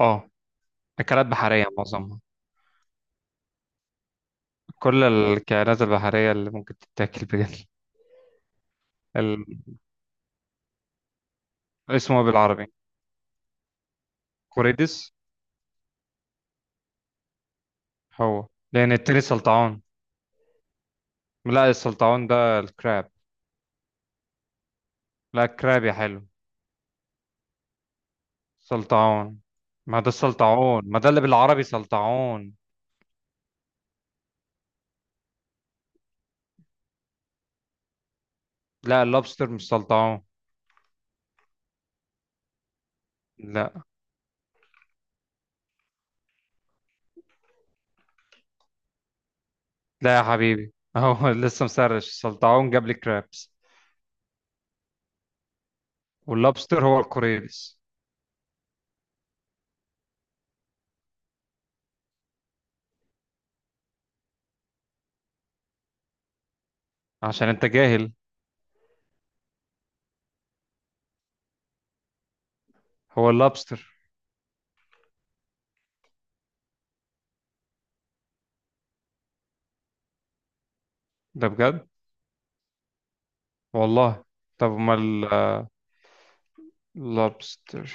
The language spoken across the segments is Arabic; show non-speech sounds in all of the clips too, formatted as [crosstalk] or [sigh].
اه، اكلات بحريه معظمها. كل الكائنات البحريه اللي ممكن تتاكل بجد. ال... اسمه إيه بالعربي؟ كوريدس. هو. لان التاني سلطعون. لا، السلطعون ده الكراب. لا، الكراب يا حلو. سلطعون. ما ده السلطعون، ما ده اللي بالعربي سلطعون. لا، اللوبستر مش سلطعون. لا، لا يا حبيبي، هو [laughs] لسه مسرش السلطعون جاب لي كرابس. واللوبستر هو الكوريدس. عشان انت جاهل. هو اللوبستر. ده بجد. والله. طب امال لابستر.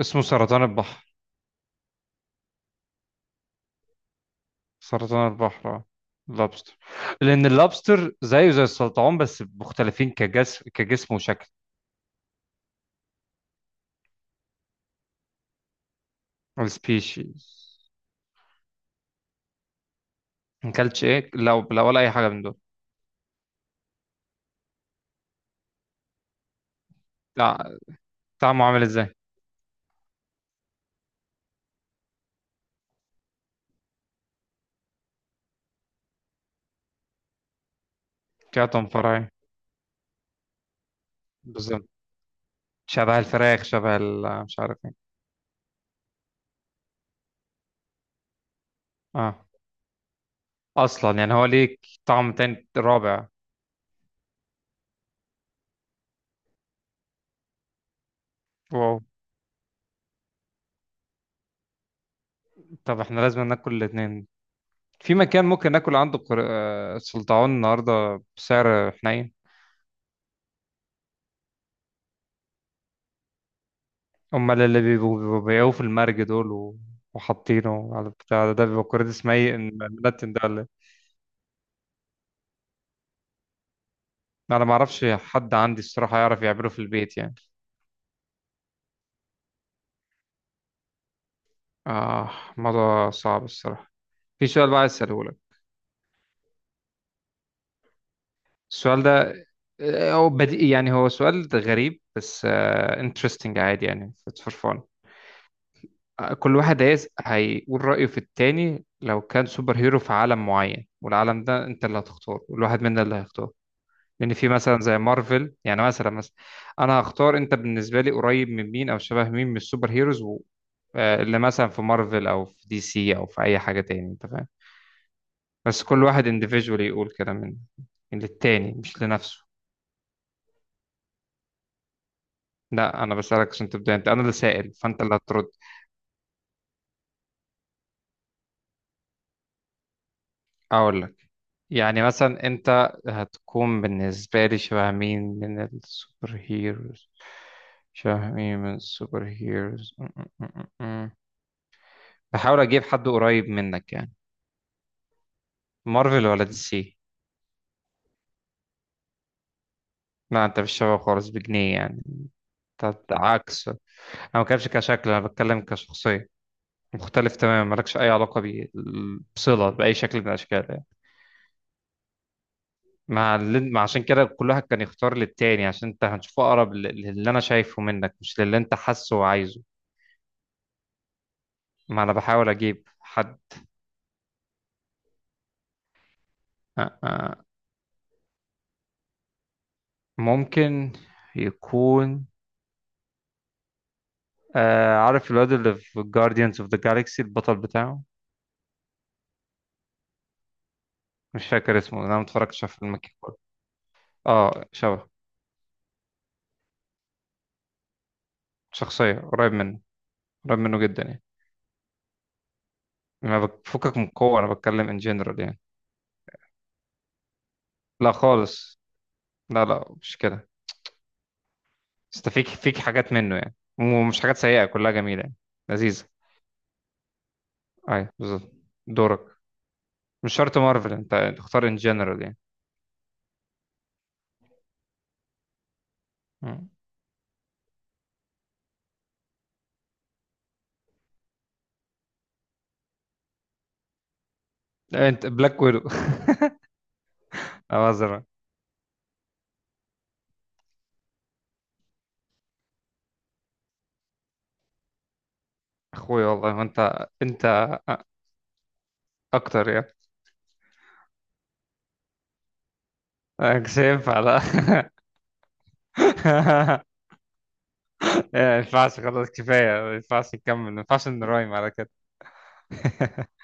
اسمه سرطان البحر. سرطان البحر، اه. لابستر. لان اللابستر زيه زي السلطعون بس مختلفين كجسم وشكل. السبيشيز. ما اكلتش ايه، لا لا، ولا اي حاجه من دول. لا. طعمه عامل ازاي؟ كاتم فراي. بالظبط. شبه الفراخ، شبه مش عارف ايه. اه. اصلا يعني هو ليه طعم تاني رابع. واو. طب احنا لازم ناكل الاتنين. في مكان ممكن ناكل عنده سلطعون النهارده بسعر حنين؟ امال اللي بيبقوا بيبقوا بيقوا في المرج دول وحاطينه على البتاع ده بيبقى كوريدس ميت الملتن ده ولا إيه؟ انا ما اعرفش حد عندي الصراحه يعرف يعمله في البيت يعني. اه. الموضوع صعب الصراحه. في سؤال بقى عايز اساله لك. السؤال ده هو بديهي يعني، هو سؤال غريب بس انترستنج، عادي يعني، اتس فور فان. كل واحد هيقول رأيه في التاني لو كان سوبر هيرو في عالم معين، والعالم ده انت اللي هتختاره والواحد منا اللي هيختاره. لان في مثلا زي مارفل، يعني مثلا. انا هختار، انت بالنسبه لي قريب من مين او شبه مين من السوبر هيروز اللي مثلا في مارفل او في دي سي او في اي حاجه تاني، انت فاهم. بس كل واحد انديفيدولي يقول كده، من للتاني مش لنفسه. لا، انا بسالك عشان تبدا انت، انا اللي سائل فانت اللي هترد. اقول لك. يعني مثلا انت هتكون بالنسبه لي شبه مين من السوبر هيروز. شبه مين من السوبر هيروز. [laughs] بحاول اجيب حد قريب منك يعني. مارفل ولا دي سي؟ لا، انت مش شبه خالص بجنيه يعني. انت عكس انا. ما بتكلمش كشكل، انا بتكلم كشخصيه. مختلف تماما، مالكش اي علاقه بصله باي شكل من الاشكال يعني. مع اللي... مع عشان كده كل واحد كان يختار للتاني، عشان انت هتشوفه اقرب للي انا شايفه منك، مش للي انت حاسه وعايزه. ما انا بحاول اجيب حد. آه، آه. ممكن يكون عارف الواد اللي في Guardians of the Galaxy البطل بتاعه؟ مش فاكر اسمه، انا ما اتفرجتش على فيلم كيك بوكس. اه، شبه. شخصيه قريب منه. قريب منه جدا يعني. ما بفكك من قوه، انا بتكلم ان جنرال يعني. لا خالص. لا، لا، مش كده. بس فيك حاجات منه يعني، ومش حاجات سيئه، كلها جميله يعني. لذيذه. ايوه بالظبط. دورك. مش شرط مارفل انت تختار ان جنرال يعني. مم. لا، انت بلاك ويدو. [laughs] أزرق. اخوي والله، ما انت اكتر يعني. أنا مش هينفع، لا. [laughs] إيه، ما ينفعش خلاص، كفاية، ما ينفعش نكمل، ما ينفعش نرايم على كده. [laughs]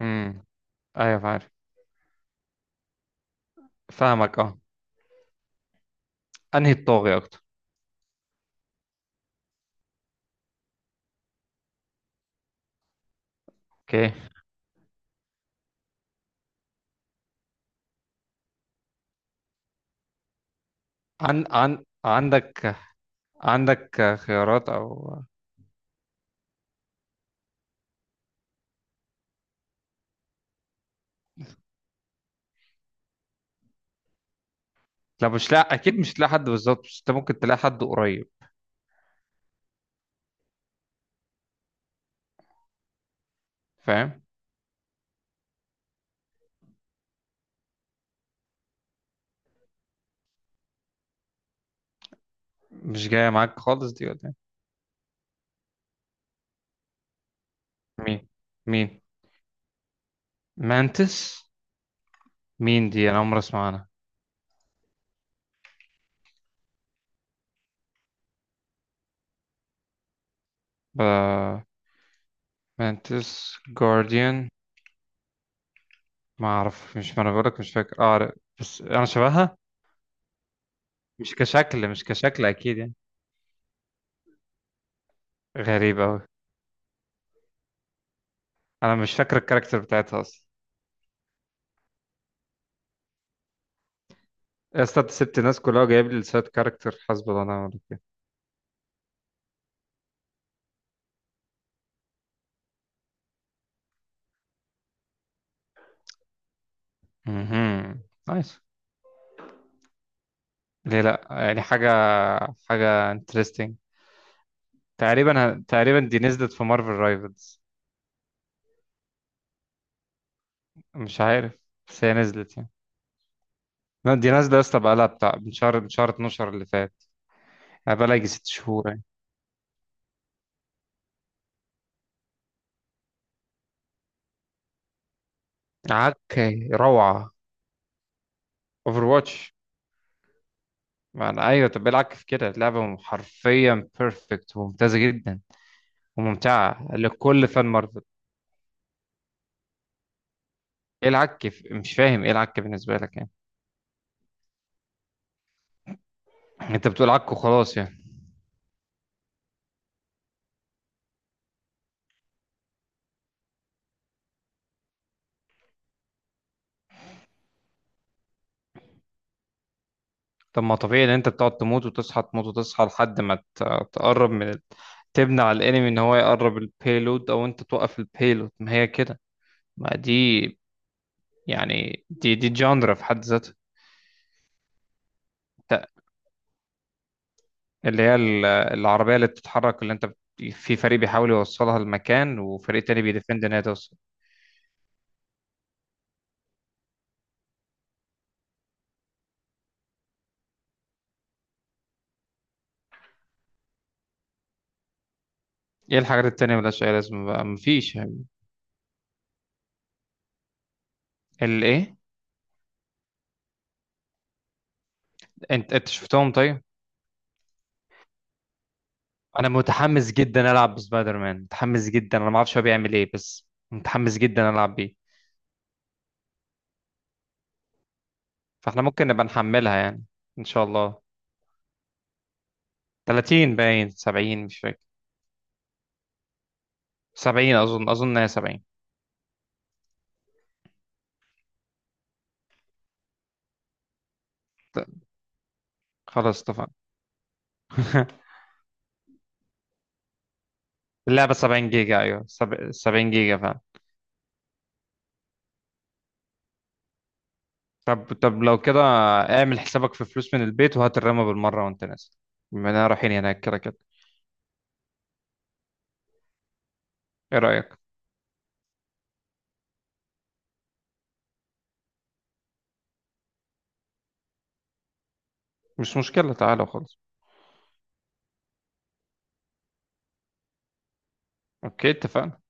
امم. ايوه عارف. فاهمك، اه. انهي الطاغي اكتر؟ اوكي. عن عن عندك. عندك خيارات او. لا، اكيد مش تلاقي حد بالظبط، بس انت ممكن تلاقي حد قريب. فاهم؟ مش جاية معاك خالص دي ولا إيه؟ مين؟ مين؟ مانتس. مين دي؟ انا عمري اسمع عنها. ب- مانتس جارديان. ما انا بقولك مش فاكر، اه عارف. بس انا شبهها. مش كشكل اكيد يعني. غريب أوي. أنا مش فاكر الكاركتر بتاعتها أصلا. يا اسطى، أنت سبت الناس كلها وجايب لي لسات كاركتر، حسب الله ونعم الوكيل. مهم. نايس. ليه لأ؟ يعني حاجة، حاجة انترستنج. تقريبا دي نزلت في مارفل رايفلز. مش عارف، بس هي نزلت يعني. لا، دي نازلة يا اسطى، بقالها بتاع من شهر 12 اللي فات. يعني بقالها يجي 6 شهور يعني. عكي روعة. اوفر واتش. يعني ايوه، طب إيه العك في كده؟ لعبة حرفيا بيرفكت وممتازة جدا، وممتعة لكل فان مارفل. ايه العك مش فاهم ايه العك بالنسبه لك يعني. انت بتقول عك وخلاص يعني. طب ما طبيعي ان انت بتقعد تموت وتصحى، تموت وتصحى لحد ما تقرب من تبني على الانمي ان هو يقرب البيلود او انت توقف البيلود، ما هي كده. ما دي، يعني دي جاندرا في حد ذاتها. ت- اللي هي العربيه اللي بتتحرك، اللي انت في فريق بيحاول يوصلها لمكان وفريق تاني بيدفند ان هي توصل. ايه الحاجات التانية ملهاش اي لازمه؟ بقى مفيش. الايه؟ انت شفتهم طيب؟ انا متحمس جدا العب بسبايدر مان، متحمس جدا، انا ما اعرفش هو بيعمل ايه بس متحمس جدا العب بيه. فاحنا ممكن نبقى نحملها يعني، ان شاء الله. 30 باين 70، مش فاكر. 70 اظن هي 70. ط- خلاص اتفقنا. [laughs] اللعبة 70 جيجا، ايوه 70 جيجا فعلا. طب لو كده، اعمل حسابك في فلوس من البيت وهات الرامة بالمرة وانت نازل، بما اننا رايحين هناك كده كده. ايه رأيك؟ مش مشكلة، تعالى وخلاص. اوكي، اتفقنا.